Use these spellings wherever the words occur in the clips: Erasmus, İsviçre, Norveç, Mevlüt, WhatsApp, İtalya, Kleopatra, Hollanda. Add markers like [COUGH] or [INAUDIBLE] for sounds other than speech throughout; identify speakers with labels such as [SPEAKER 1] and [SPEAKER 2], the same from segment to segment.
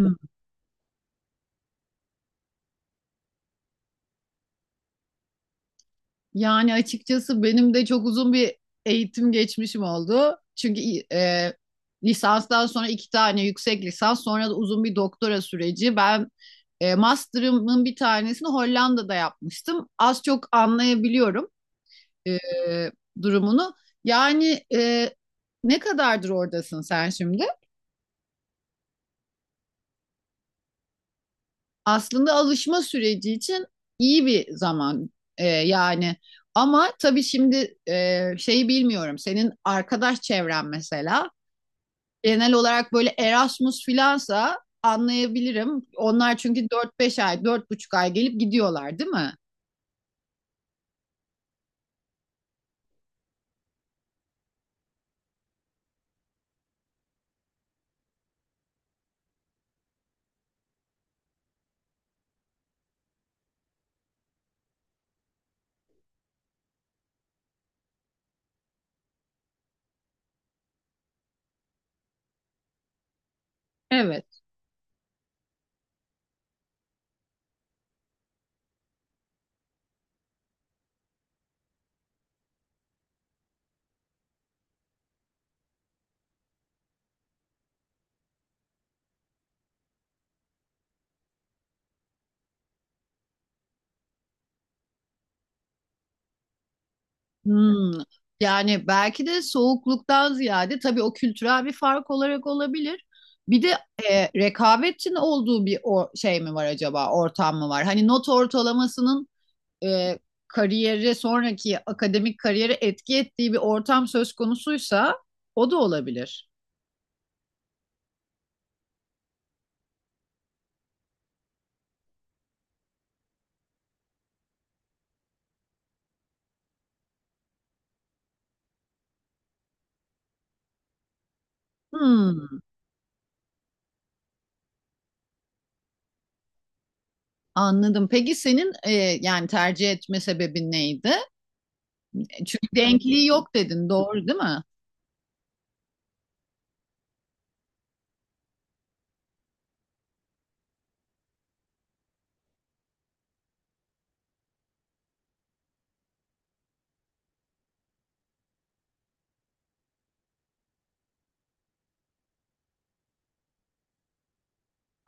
[SPEAKER 1] Hı. Yani açıkçası benim de çok uzun bir eğitim geçmişim oldu. Çünkü e, lisanstan sonra iki tane yüksek lisans, sonra da uzun bir doktora süreci. Ben master'ımın bir tanesini Hollanda'da yapmıştım. Az çok anlayabiliyorum e, durumunu. Yani ne kadardır oradasın sen şimdi? Aslında alışma süreci için iyi bir zaman yani. Ama tabii şimdi şeyi bilmiyorum. Senin arkadaş çevren mesela genel olarak böyle Erasmus filansa anlayabilirim. Onlar çünkü dört beş ay, dört buçuk ay gelip gidiyorlar, değil mi? Evet. Hmm. Yani belki de soğukluktan ziyade tabii o kültürel bir fark olarak olabilir. Bir de rekabetin olduğu bir o, şey mi var acaba, ortam mı var? Hani not ortalamasının e, kariyeri sonraki akademik kariyere etki ettiği bir ortam söz konusuysa o da olabilir. Hmm, anladım. Peki senin yani tercih etme sebebin neydi? E, çünkü denkliği yok dedin, doğru değil mi?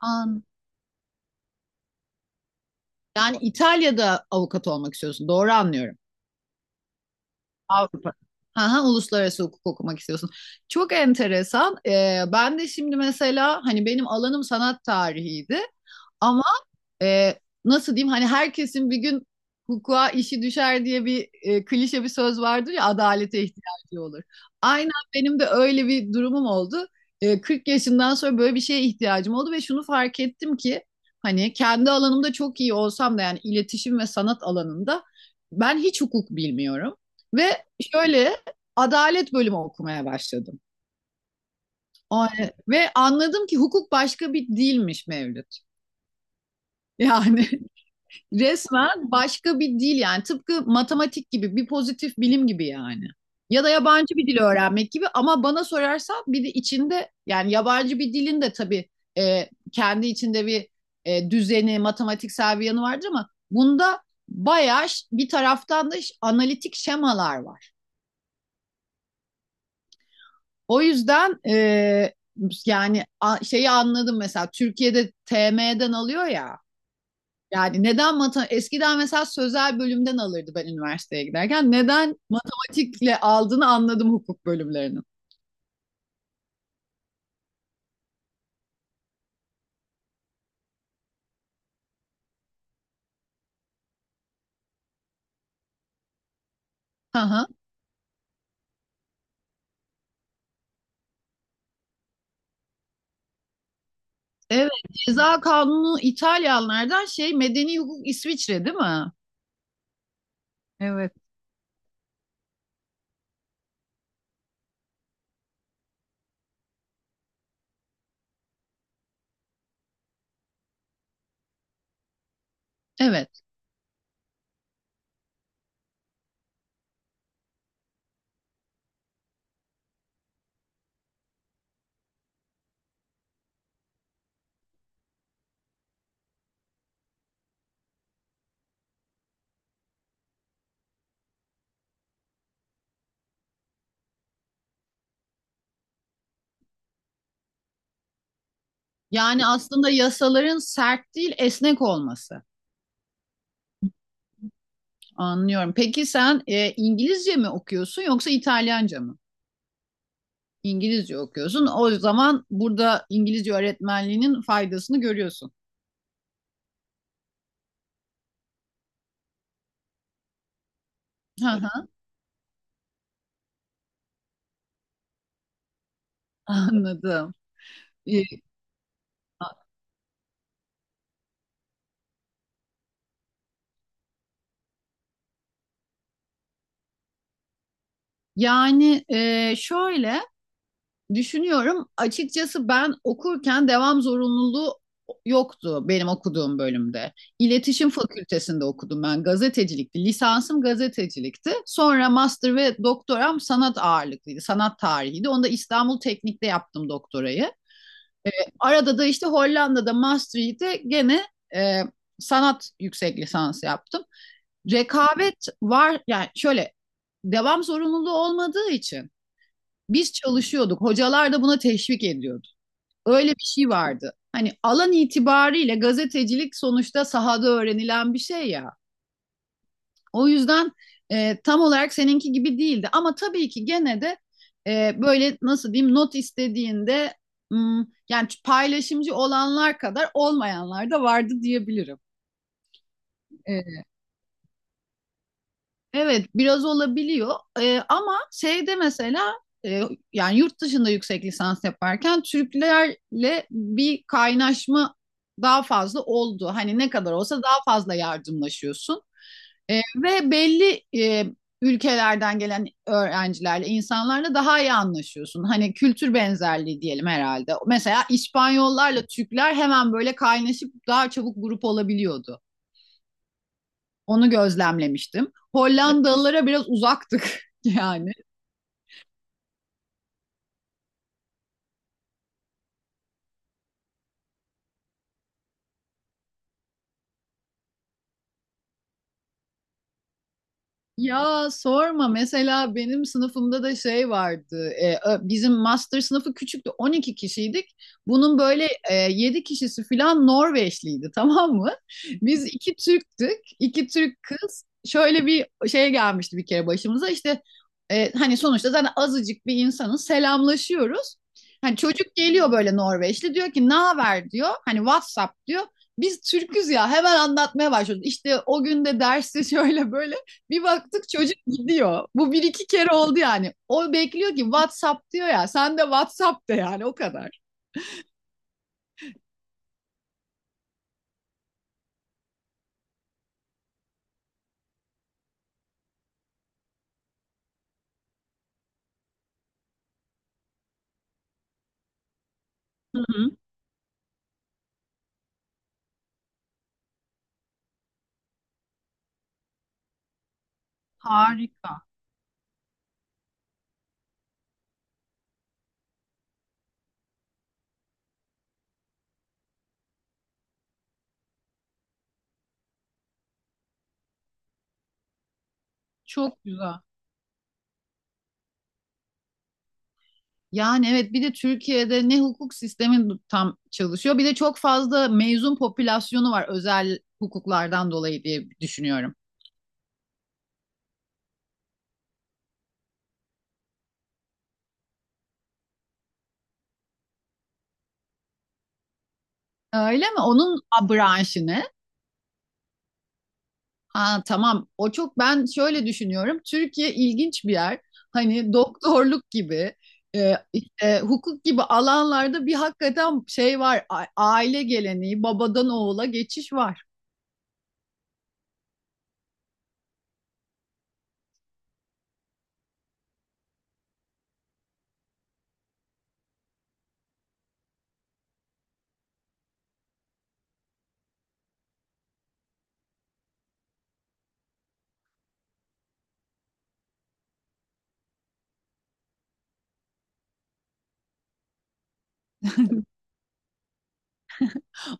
[SPEAKER 1] An, yani İtalya'da avukat olmak istiyorsun, doğru anlıyorum. Avrupa. Aha, uluslararası hukuk okumak istiyorsun. Çok enteresan. E, ben de şimdi mesela hani benim alanım sanat tarihiydi. Ama e, nasıl diyeyim hani herkesin bir gün hukuka işi düşer diye bir klişe bir söz vardır ya, adalete ihtiyacı olur. Aynen benim de öyle bir durumum oldu. E, 40 yaşından sonra böyle bir şeye ihtiyacım oldu ve şunu fark ettim ki hani kendi alanımda çok iyi olsam da yani iletişim ve sanat alanında ben hiç hukuk bilmiyorum ve şöyle adalet bölümü okumaya başladım. O- Ve anladım ki hukuk başka bir dilmiş Mevlüt. Yani [LAUGHS] resmen başka bir dil yani, tıpkı matematik gibi bir pozitif bilim gibi yani. Ya da yabancı bir dil öğrenmek gibi, ama bana sorarsan bir de içinde yani yabancı bir dilin de tabii kendi içinde bir düzeni, matematiksel bir yanı vardır ama bunda bayağı bir taraftan da analitik şemalar var. O yüzden yani şeyi anladım mesela Türkiye'de TM'den alıyor ya. Yani neden matematik eskiden mesela sözel bölümden alırdı ben üniversiteye giderken. Neden matematikle aldığını anladım hukuk bölümlerinin. Hı hı. Evet, ceza kanunu İtalyanlardan, şey, medeni hukuk İsviçre değil mi? Evet. Evet. Yani aslında yasaların sert değil esnek olması. Anlıyorum. Peki sen İngilizce mi okuyorsun yoksa İtalyanca mı? İngilizce okuyorsun. O zaman burada İngilizce öğretmenliğinin faydasını görüyorsun. Hı hı, anladım. Yani şöyle düşünüyorum, açıkçası ben okurken devam zorunluluğu yoktu benim okuduğum bölümde. İletişim Fakültesinde okudum, ben gazetecilikti, lisansım gazetecilikti. Sonra master ve doktoram sanat ağırlıklıydı. Sanat tarihiydi. Onu da İstanbul Teknik'te yaptım, doktorayı. E, arada da işte Hollanda'da master'ı da gene e, sanat yüksek lisansı yaptım. Rekabet var yani, şöyle, devam zorunluluğu olmadığı için biz çalışıyorduk. Hocalar da buna teşvik ediyordu. Öyle bir şey vardı. Hani alan itibariyle gazetecilik sonuçta sahada öğrenilen bir şey ya. O yüzden tam olarak seninki gibi değildi. Ama tabii ki gene de böyle nasıl diyeyim, not istediğinde hmm, yani paylaşımcı olanlar kadar olmayanlar da vardı diyebilirim. E, Evet, biraz olabiliyor. Ama şeyde mesela e, yani yurt dışında yüksek lisans yaparken Türklerle bir kaynaşma daha fazla oldu. Hani ne kadar olsa daha fazla yardımlaşıyorsun. Ve belli ülkelerden gelen öğrencilerle, insanlarla daha iyi anlaşıyorsun. Hani kültür benzerliği diyelim herhalde. Mesela İspanyollarla Türkler hemen böyle kaynaşıp daha çabuk grup olabiliyordu. Onu gözlemlemiştim. Hollandalılara biraz uzaktık [LAUGHS] yani. Ya sorma, mesela benim sınıfımda da şey vardı, bizim master sınıfı küçüktü, 12 kişiydik, bunun böyle 7 kişisi filan Norveçliydi [LAUGHS] tamam mı? Biz iki Türktük, iki Türk kız, şöyle bir şey gelmişti bir kere başımıza, işte hani sonuçta zaten azıcık bir insanız, selamlaşıyoruz. Hani çocuk geliyor böyle Norveçli, diyor ki ne haber diyor, hani WhatsApp diyor. Biz Türküz ya, hemen anlatmaya başlıyoruz. İşte o gün de derste [LAUGHS] şöyle böyle bir baktık çocuk gidiyor. Bu bir iki kere oldu yani. O bekliyor ki WhatsApp diyor ya. Sen de WhatsApp de yani, o kadar. Hı hı. Harika. Çok güzel. Yani evet, bir de Türkiye'de ne hukuk sistemi tam çalışıyor, bir de çok fazla mezun popülasyonu var özel hukuklardan dolayı diye düşünüyorum. Öyle mi? Onun branşı ne? Aa, tamam. O çok, ben şöyle düşünüyorum. Türkiye ilginç bir yer. Hani doktorluk gibi, işte hukuk gibi alanlarda bir hakikaten şey var. Aile geleneği, babadan oğula geçiş var.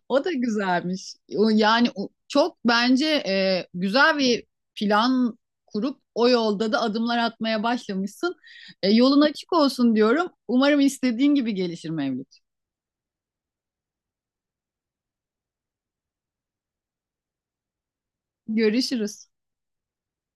[SPEAKER 1] O da güzelmiş. O yani çok bence güzel bir plan kurup o yolda da adımlar atmaya başlamışsın. E, yolun açık olsun diyorum. Umarım istediğin gibi gelişir Mevlüt. Görüşürüz.